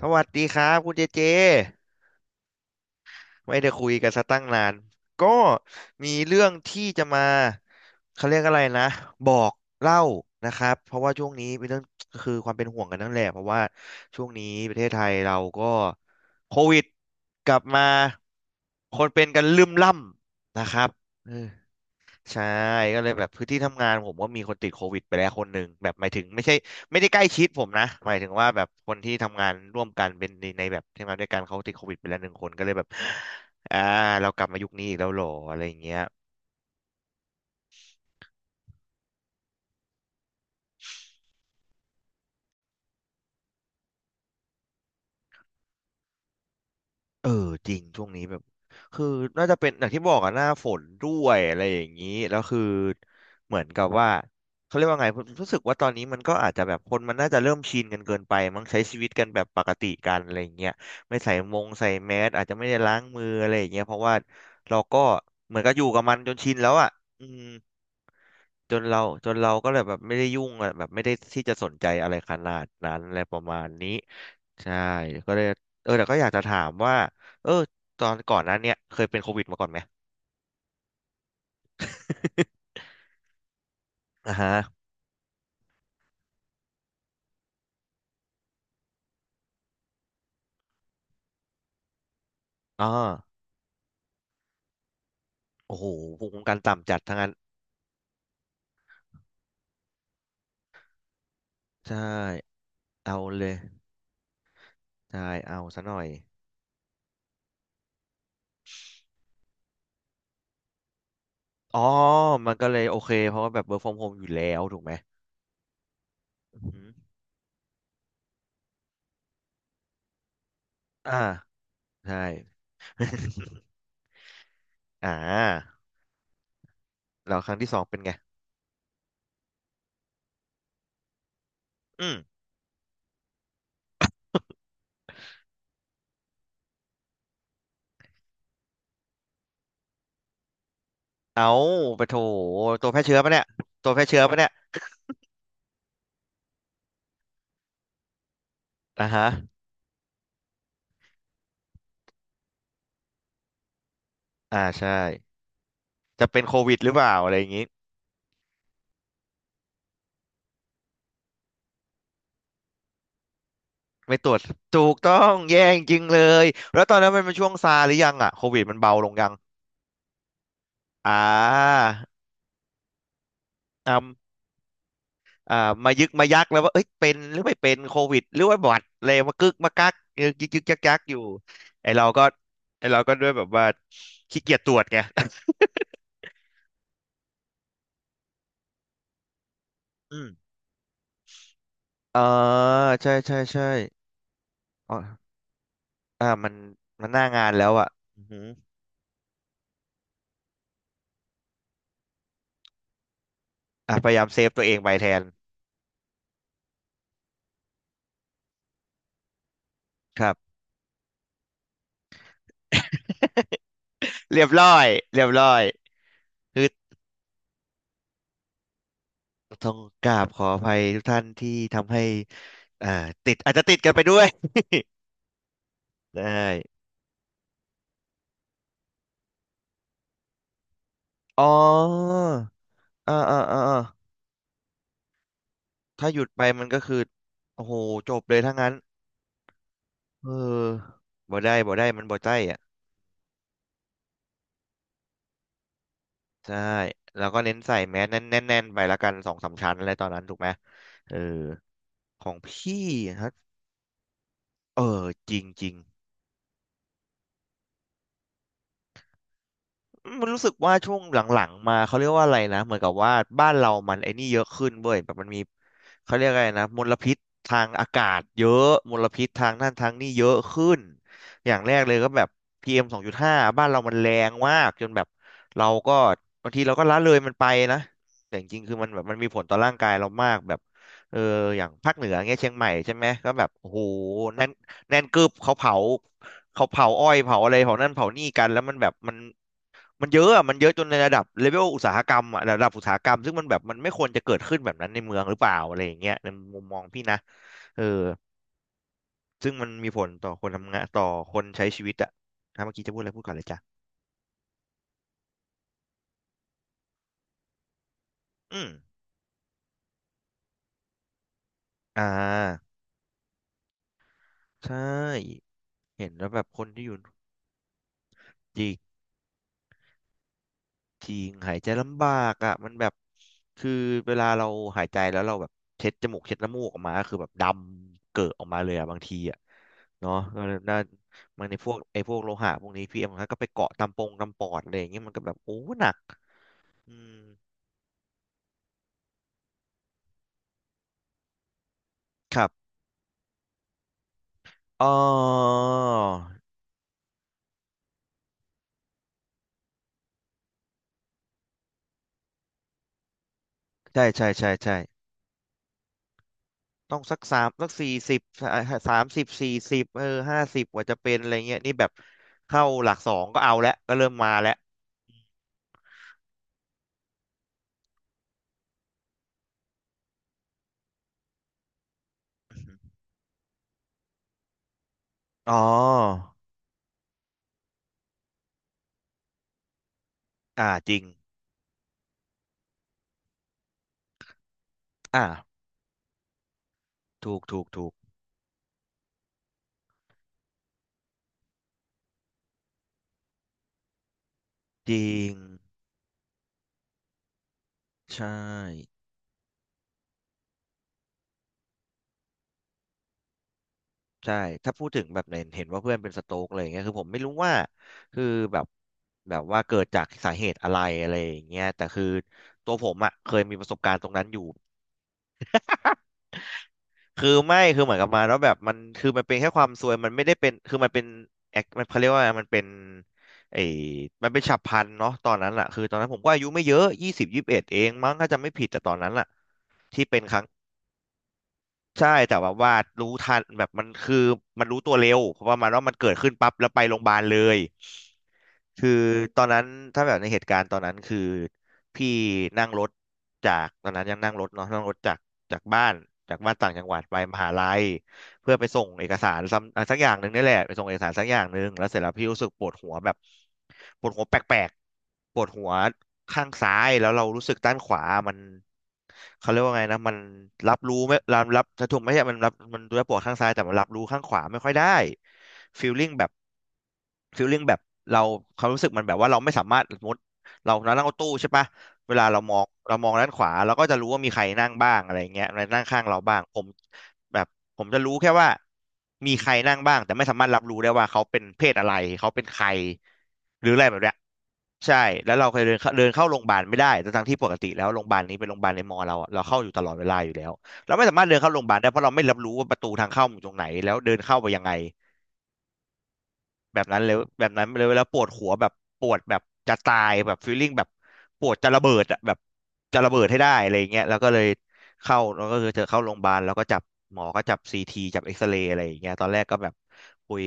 สวัสดีครับคุณเจเจไม่ได้คุยกันสัตั้งนานก็มีเรื่องที่จะมาเขาเรียกอะไรนะบอกเล่านะครับเพราะว่าช่วงนี้เป็นเรื่องคือความเป็นห่วงกันนั่นแหละเพราะว่าช่วงนี้ประเทศไทยเราก็โควิดกลับมาคนเป็นกันลืมล่ำนะครับ ใช่ก็เลยแบบพื้นที่ทำงานผมก็มีคนติดโควิดไปแล้วคนหนึ่งแบบหมายถึงไม่ใช่ไม่ได้ใกล้ชิดผมนะหมายถึงว่าแบบคนที่ทำงานร่วมกันเป็นในในแบบที่ำงานด้วยกันเขาติดโควิดไปแล้วหนึ่งคนก็เลยแบบอ่าเรากลับมายุคนี้อีกแล้วเหรออะไรอย่างเงี้ย เออจริงช่วงนี้แบบคือน่าจะเป็นอย่างที่บอกอะหน้าฝนด้วยอะไรอย่างนี้แล้วคือเหมือนกับว่าเขาเรียกว่าไงผมรู้สึกว่าตอนนี้มันก็อาจจะแบบคนมันน่าจะเริ่มชินกันเกินไปมั้งใช้ชีวิตกันแบบปกติกันอะไรอย่างเงี้ยไม่ใส่มงใส่แมสอาจจะไม่ได้ล้างมืออะไรอย่างเงี้ยเพราะว่าเราก็เหมือนกับอยู่กับมันจนชินแล้วอะอืม จนเราจนเราก็เลยแบบไม่ได้ยุ่งอะแบบไม่ได้ที่จะสนใจอะไรขนาดนั้นอะไรประมาณนี้ใช่ก็เลยเออแต่ก็อยากจะถามว่าเออตอนก่อนหนั้นเนี่ยเคยเป็นโควิดมาก่อนไหม อ่าฮะอ๋อโอ้โหภูมิคุ้มกันต่ำจัดทั้งนั้นใช่เอาเลยใช่เอาซะหน่อยอ๋อมันก็เลยโอเคเพราะว่าแบบ work from home อยู่แล้วถูกไหมอืมอ่าใช่ อ่าแล้วครั้งที่สองเป็นไงอืม เอาไปโถตัวแพร่เชื้อปะเนี่ยตัวแพร่เชื้อปะเนี่ยอ่าฮะอ่าใช่จะเป็นโควิดหรือเปล่าอะไรอย่างงี้ไม่ตรวจถูกต้องแย่จริงๆเลยแล้วตอนนั้นมันเป็นช่วงซาหรือยังอ่ะโควิดมันเบาลงยังอ่าอ่ามายึกมายักแล้วว่าเอ้ยเป็นหรือไม่เป็นโควิดหรือว่าบอดอะไรมากึกมากักยึกยึกยึกยักยักอยู่ไอเราก็ไอเราก็ด้วยแบบว่าขี้เกียจตรวจไง อืมเออใช่ใช่ใช่อ๋ออ่ามันมันหน้างานแล้วอ่ะอือหือ อ่ะพยายามเซฟตัวเองไปแทนครับเรียบร้อยเรียบร้อยคือต้องกราบขออภัยทุกท่านที่ทำให้อ่าติดอาจจะติดกันไปด้วย ได้อ๋ออ่าอ่าอ่าอ่าถ้าหยุดไปมันก็คือโอ้โหจบเลยถ้างั้นเออบ่ได้บ่ได้มันบ่ใจอ่ะใช่แล้วก็เน้นใส่แมสแน่นแน่นแน่นไปละกันสองสามชั้นอะไรตอนนั้นถูกไหมเออของพี่ฮะเออจริงจริง มันรู้สึกว่าช่วงหลังๆมาเขาเรียกว่าอะไรนะเหมือนกับว่าบ้านเรามันไอ้นี่เยอะขึ้นเว้ยแบบมันมีเขาเรียกอะไรนะมลพิษทางอากาศเยอะมลพิษทางนั่นทางนี่เยอะขึ้นอย่างแรกเลยก็แบบPM2.5บ้านเรามันแรงมากจนแบบเราก็บางทีเราก็ละเลยมันไปนะแต่จริงๆคือมันแบบมันมีผลต่อร่างกายเรามากแบบเอออย่างภาคเหนือเงี้ยเชียงใหม่ใช่ไหมก็แบบโอ้โหแน่นแน่นกึบเขาเผาเขาเผาอ้อยเผาอะไรเผานั่นเผานี่กันแล้วมันแบบมัน มันเยอะอะมันเยอะจนในระดับเลเวลอุตสาหกรรมอะระดับอุตสาหกรรมซึ่งมันแบบมันไม่ควรจะเกิดขึ้นแบบนั้นในเมืองหรือเปล่าอะไรอย่างเงี้ยในมุมมองพี่นะเออซึ่งมันมีผลต่อคนทำงานต่อคนใช้ชีวิตอะถ้าเมื่อกี้จะพูดอะไรพูดก่อนเลยจ้ะอืมอ่าใช่เห็นแล้วแบบคนที่อยู่จริง จริงหายใจลำบากอ่ะมันแบบคือเวลาเราหายใจแล้วเราแบบเช็ดจมูกเช็ดน้ำมูกออกมาก็คือแบบดำเกิดออกมาเลยอ่ะบางทีอ่ะเนาะก็น่ามันในพวกไอ้พวกโลหะพวกนี้พี่เอ็มก็ไปเกาะตามปงตามปอดอะไรอย่างเงี้ยมันก็แบบโอ้หนักอืมครับ อ๋อ ใช่ใช่ใช่ใช่ต้องสักสามสักสี่สิบ30-40เออ50กว่าจะเป็นอะไรเงี้ยนี่แบบเข้าหลักสองก็เอาแล้วก็เริ่มมาแล้วอ๋อ อ่าจริงอ่าถูกถูกถูกจริงใช่ใช่ถ้าพูดถึงแบบเห็นเห็นว่าเพื่อนเป็นสโตรกอะไรอย่างเงี้ยคือผมไม่รู้ว่าคือแบบแบบว่าเกิดจากสาเหตุอะไรอะไรอย่างเงี้ยแต่คือตัวผมอ่ะเคยมีประสบการณ์ตรงนั้นอยู่ คือไม่คือเหมือนกับมาแล้วแบบมันคือมันเป็นแค่ความซวยมันไม่ได้เป็นคือมันเป็นแอคมันเขาเรียกว่ามันเป็นไอ้มันเป็นฉับพลันเนาะตอนนั้นแหละคือตอนนั้นผมก็อายุไม่เยอะยี่สิบยี่สิบเอ็ดเองมั้งถ้าจำไม่ผิดแต่ตอนนั้นแหละที่เป็นครั้ง ใช่แต่แบบว่ารู้ทันแบบมันคือมันรู้ตัวเร็วเพราะว่ามันว่ามันเกิดขึ้นปั๊บแล้วไปโรงพยาบาลเลยคือตอนนั้นถ้าแบบในเหตุการณ์ตอนนั้นคือพี่นั่งรถจากตอนนั้นยังนั่งรถเนาะนั่งรถจากจากบ้านจากบ้านต่างจังหวัดไปมหาลัย เพื่อไปส่งเอกสารซ้ำสักอย่างหนึ่งนี่แหละไปส่งเอกสารสักอย่างหนึ่งแล้วเสร็จแล้วพี่รู้สึกปวดหัวแบบปวดหัวแปลกๆปวดหัวข้างซ้ายแล้วเรารู้สึกด้านขวามันเขาเรียกว่าไงนะมันรับรู้ไม่รับรับถ้าถูกไม่ใช่มันรับมันตัวปวดข้างซ้ายแต่มันรับรู้ข้างขวาไม่ค่อยได้ฟีลลิ่งแบบฟีลลิ่งแบบเราเขารู้สึกมันแบบว่าเราไม่สามารถสมมติเรานั่งรถตู้ใช่ปะ เวลาเรามองเรามองด้านขวาเราก็จะรู้ว่ามีใครนั่งบ้างอะไรเงี้ยนั่งข้างเราบ้างผมแบบผมจะรู้แค่ว่ามีใครนั่งบ้างแต่ไม่สามารถรับรู้ได้ว่าเขาเป็นเพศอะไรเขาเป็นใครหรืออะไรแบบเนี้ยใช่แล้วเราเคยเดินเข้าเดินเข้าโรงพยาบาลไม่ได้ทั้งๆที่ปกติแล้วโรงพยาบาลนี้เป็นโรงพยาบาลในมอเราอะเราเข้าอยู่ตลอดเวลาอยู่แล้วเราไม่สามารถเดินเข้าโรงพยาบาลได้เพราะเราไม่รับรู้ว่าประตูทางเข้ามันอยู่ตรงไหนแล้วเดินเข้าไปยังไง แบบนั้นเลยแบบนั้นเลยแล้วปวดหัวแบบปวดแบบจะตายแบบฟีลลิ่งแบบปวดจะระเบิดอะแบบจะระเบิดให้ได้อะไรอย่างเงี้ยแล้วก็เลยเข้าแล้วก็คือเธอเข้าโรงพยาบาลแล้วก็จับหมอก็จับซีทีจับเอ็กซเรย์อะไรอย่างเงี้ยตอนแรกก็แบบคุย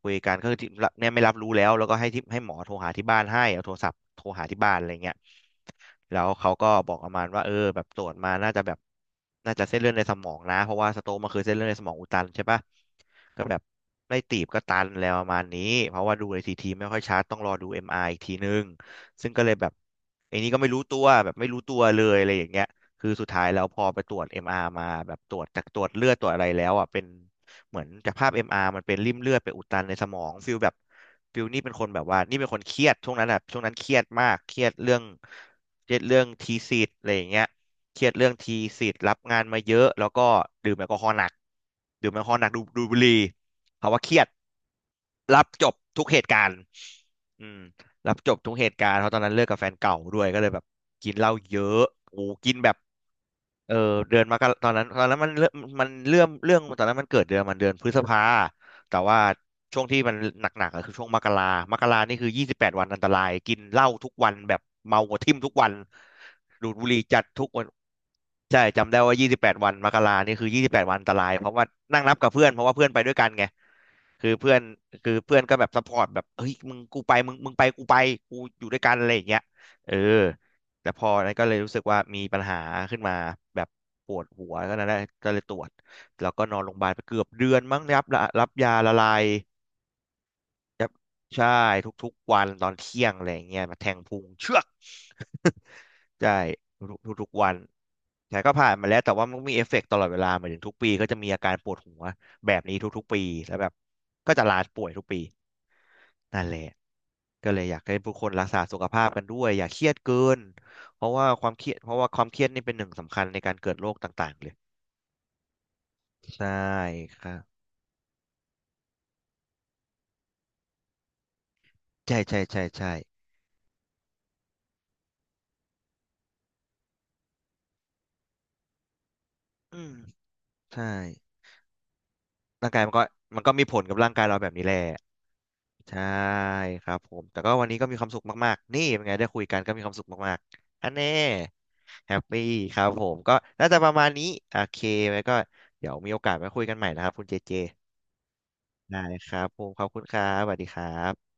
คุยกันก็คือที่เนี่ยไม่รับรู้แล้วแล้วก็ให้ที่ให้หมอโทรหาที่บ้านให้เอาโทรศัพท์โทรหาที่บ้านอะไรเงี้ย แล้วเขาก็บอกประมาณว่าเออแบบตรวจมาน่าจะแบบน่าจะเส้นเลือดในสมองนะเพราะว่าสโตรกมันคือเส้นเลือดในสมองอุดตันใช่ปะก็แบบไม่ตีบก็ตันแล้วประมาณนี้เพราะว่าดูในซีทีไม่ค่อยชัดต้องรอดูเอ็มไออีกทีนึงซึ่งก็เลยแบบไอ้นี่ก็ไม่รู้ตัวแบบไม่รู้ตัวเลยอะไรอย่างเงี้ยคือสุดท้ายแล้วพอไปตรวจเอ็มอาร์มาแบบตรวจจากตรวจเลือดตรวจอะไรแล้วอ่ะเป็น เหมือนจากภาพ MR มอาร์มันเป็นริ่มเลือดไปอุดตันในสมองฟิลแบบฟิลนี่เป็นคนแบบว่านี่เป็นคนเครียดช่วงนั้นอะช่วงนั้นเครียดมากเครียดเรื่องเครียดเรื่องทีสิทธ์อะไรอย่างเงี้ยเครียดเรื่องทีสิทธ์รับงานมาเยอะแล้วก็ดื่มแอลกอฮอล์หนักดื่มแอลกอฮอล์หนักดูดูดบุหรี่ภาวะเครียดรับจบทุกเหตุการณ์อืมรับจบทุกเหตุการณ์เพราะตอนนั้นเลิกกับแฟนเก่าด้วยก็เลยแบบกินเหล้าเยอะโอ้กินแบบ เออเดือนมกราตอนนั้นตอนนั้นมันเริ่มมันเรื่องเรื่องตอนนั้นมันเกิดเดือนมันเดือนพฤษภาแต่ว่าช่วงที่มันหนักๆก็คือช่วงมกรามกรานี่คือยี่สิบแปดวันอันตรายกินเหล้าทุกวันแบบเมาหัวทิ่มทุกวันดูดบุหรี่จัดทุกวันใช่จำได้ว่ายี่สิบแปดวันมกรานี่คือยี่สิบแปดวันอันตรายเพราะว่านั่งนับกับเพื่อนเพราะว่าเพื่อนไปด้วยกันไง คือเพื่อนคือเพื่อนก็แบบซัพพอร์ตแบบเฮ้ยมึงกูไปมึงมึงไปกูไปกูอยู่ด้วยกันอะไรอย่างเงี้ยเออแต่พอนั้นก็เลยรู้สึกว่ามีปัญหาขึ้นมาแบบปวดหัวก็นั้นแหละก็เลยตรวจแล้วก็นอนโรงพยาบาลไปเกือบเดือนมั้งรับรับยาละลายครับใช่ทุกๆวันตอนเที่ยงอะไรอย่างเงี้ยมาแทงพุงเชือก ใช่ทุกๆทุกๆวันแต่ก็ผ่านมาแล้วแต่ว่ามันมีเอฟเฟกต์ตลอดเวลาเหมายถึงทุกปีก็จะมีอาการปวดหัวแบบนี้ทุกๆปีแล้วแบบก็จะลาป่วยทุกปีนั่นแหละก็เลยอยากให้ผู้คนรักษาสุขภาพกันด้วยอย่าเครียดเกินเพราะว่าความเครียดเพราะว่าความเครียดนี่เป็นหนึ่งสำคัญในการเกิดโรคต่างๆเลยใช่ครับใช่ใช่ใช่ใช่อืมใช่ร่างกายมันก็มันก็มีผลกับร่างกายเราแบบนี้แหละ ใช่ครับผมแต่ก็วันนี้ก็มีความสุขมากๆนี่เป็นไงได้คุยกันก็มีความสุขมากๆอันแน่แฮปปี้ครับผมก็น่าจะประมาณนี้โอเคไว้ก็เดี๋ยวมีโอกาสมาคุยกันใหม่นะครับคุณเจเจได้ครับผมขอบคุณครับสวัสดีครับ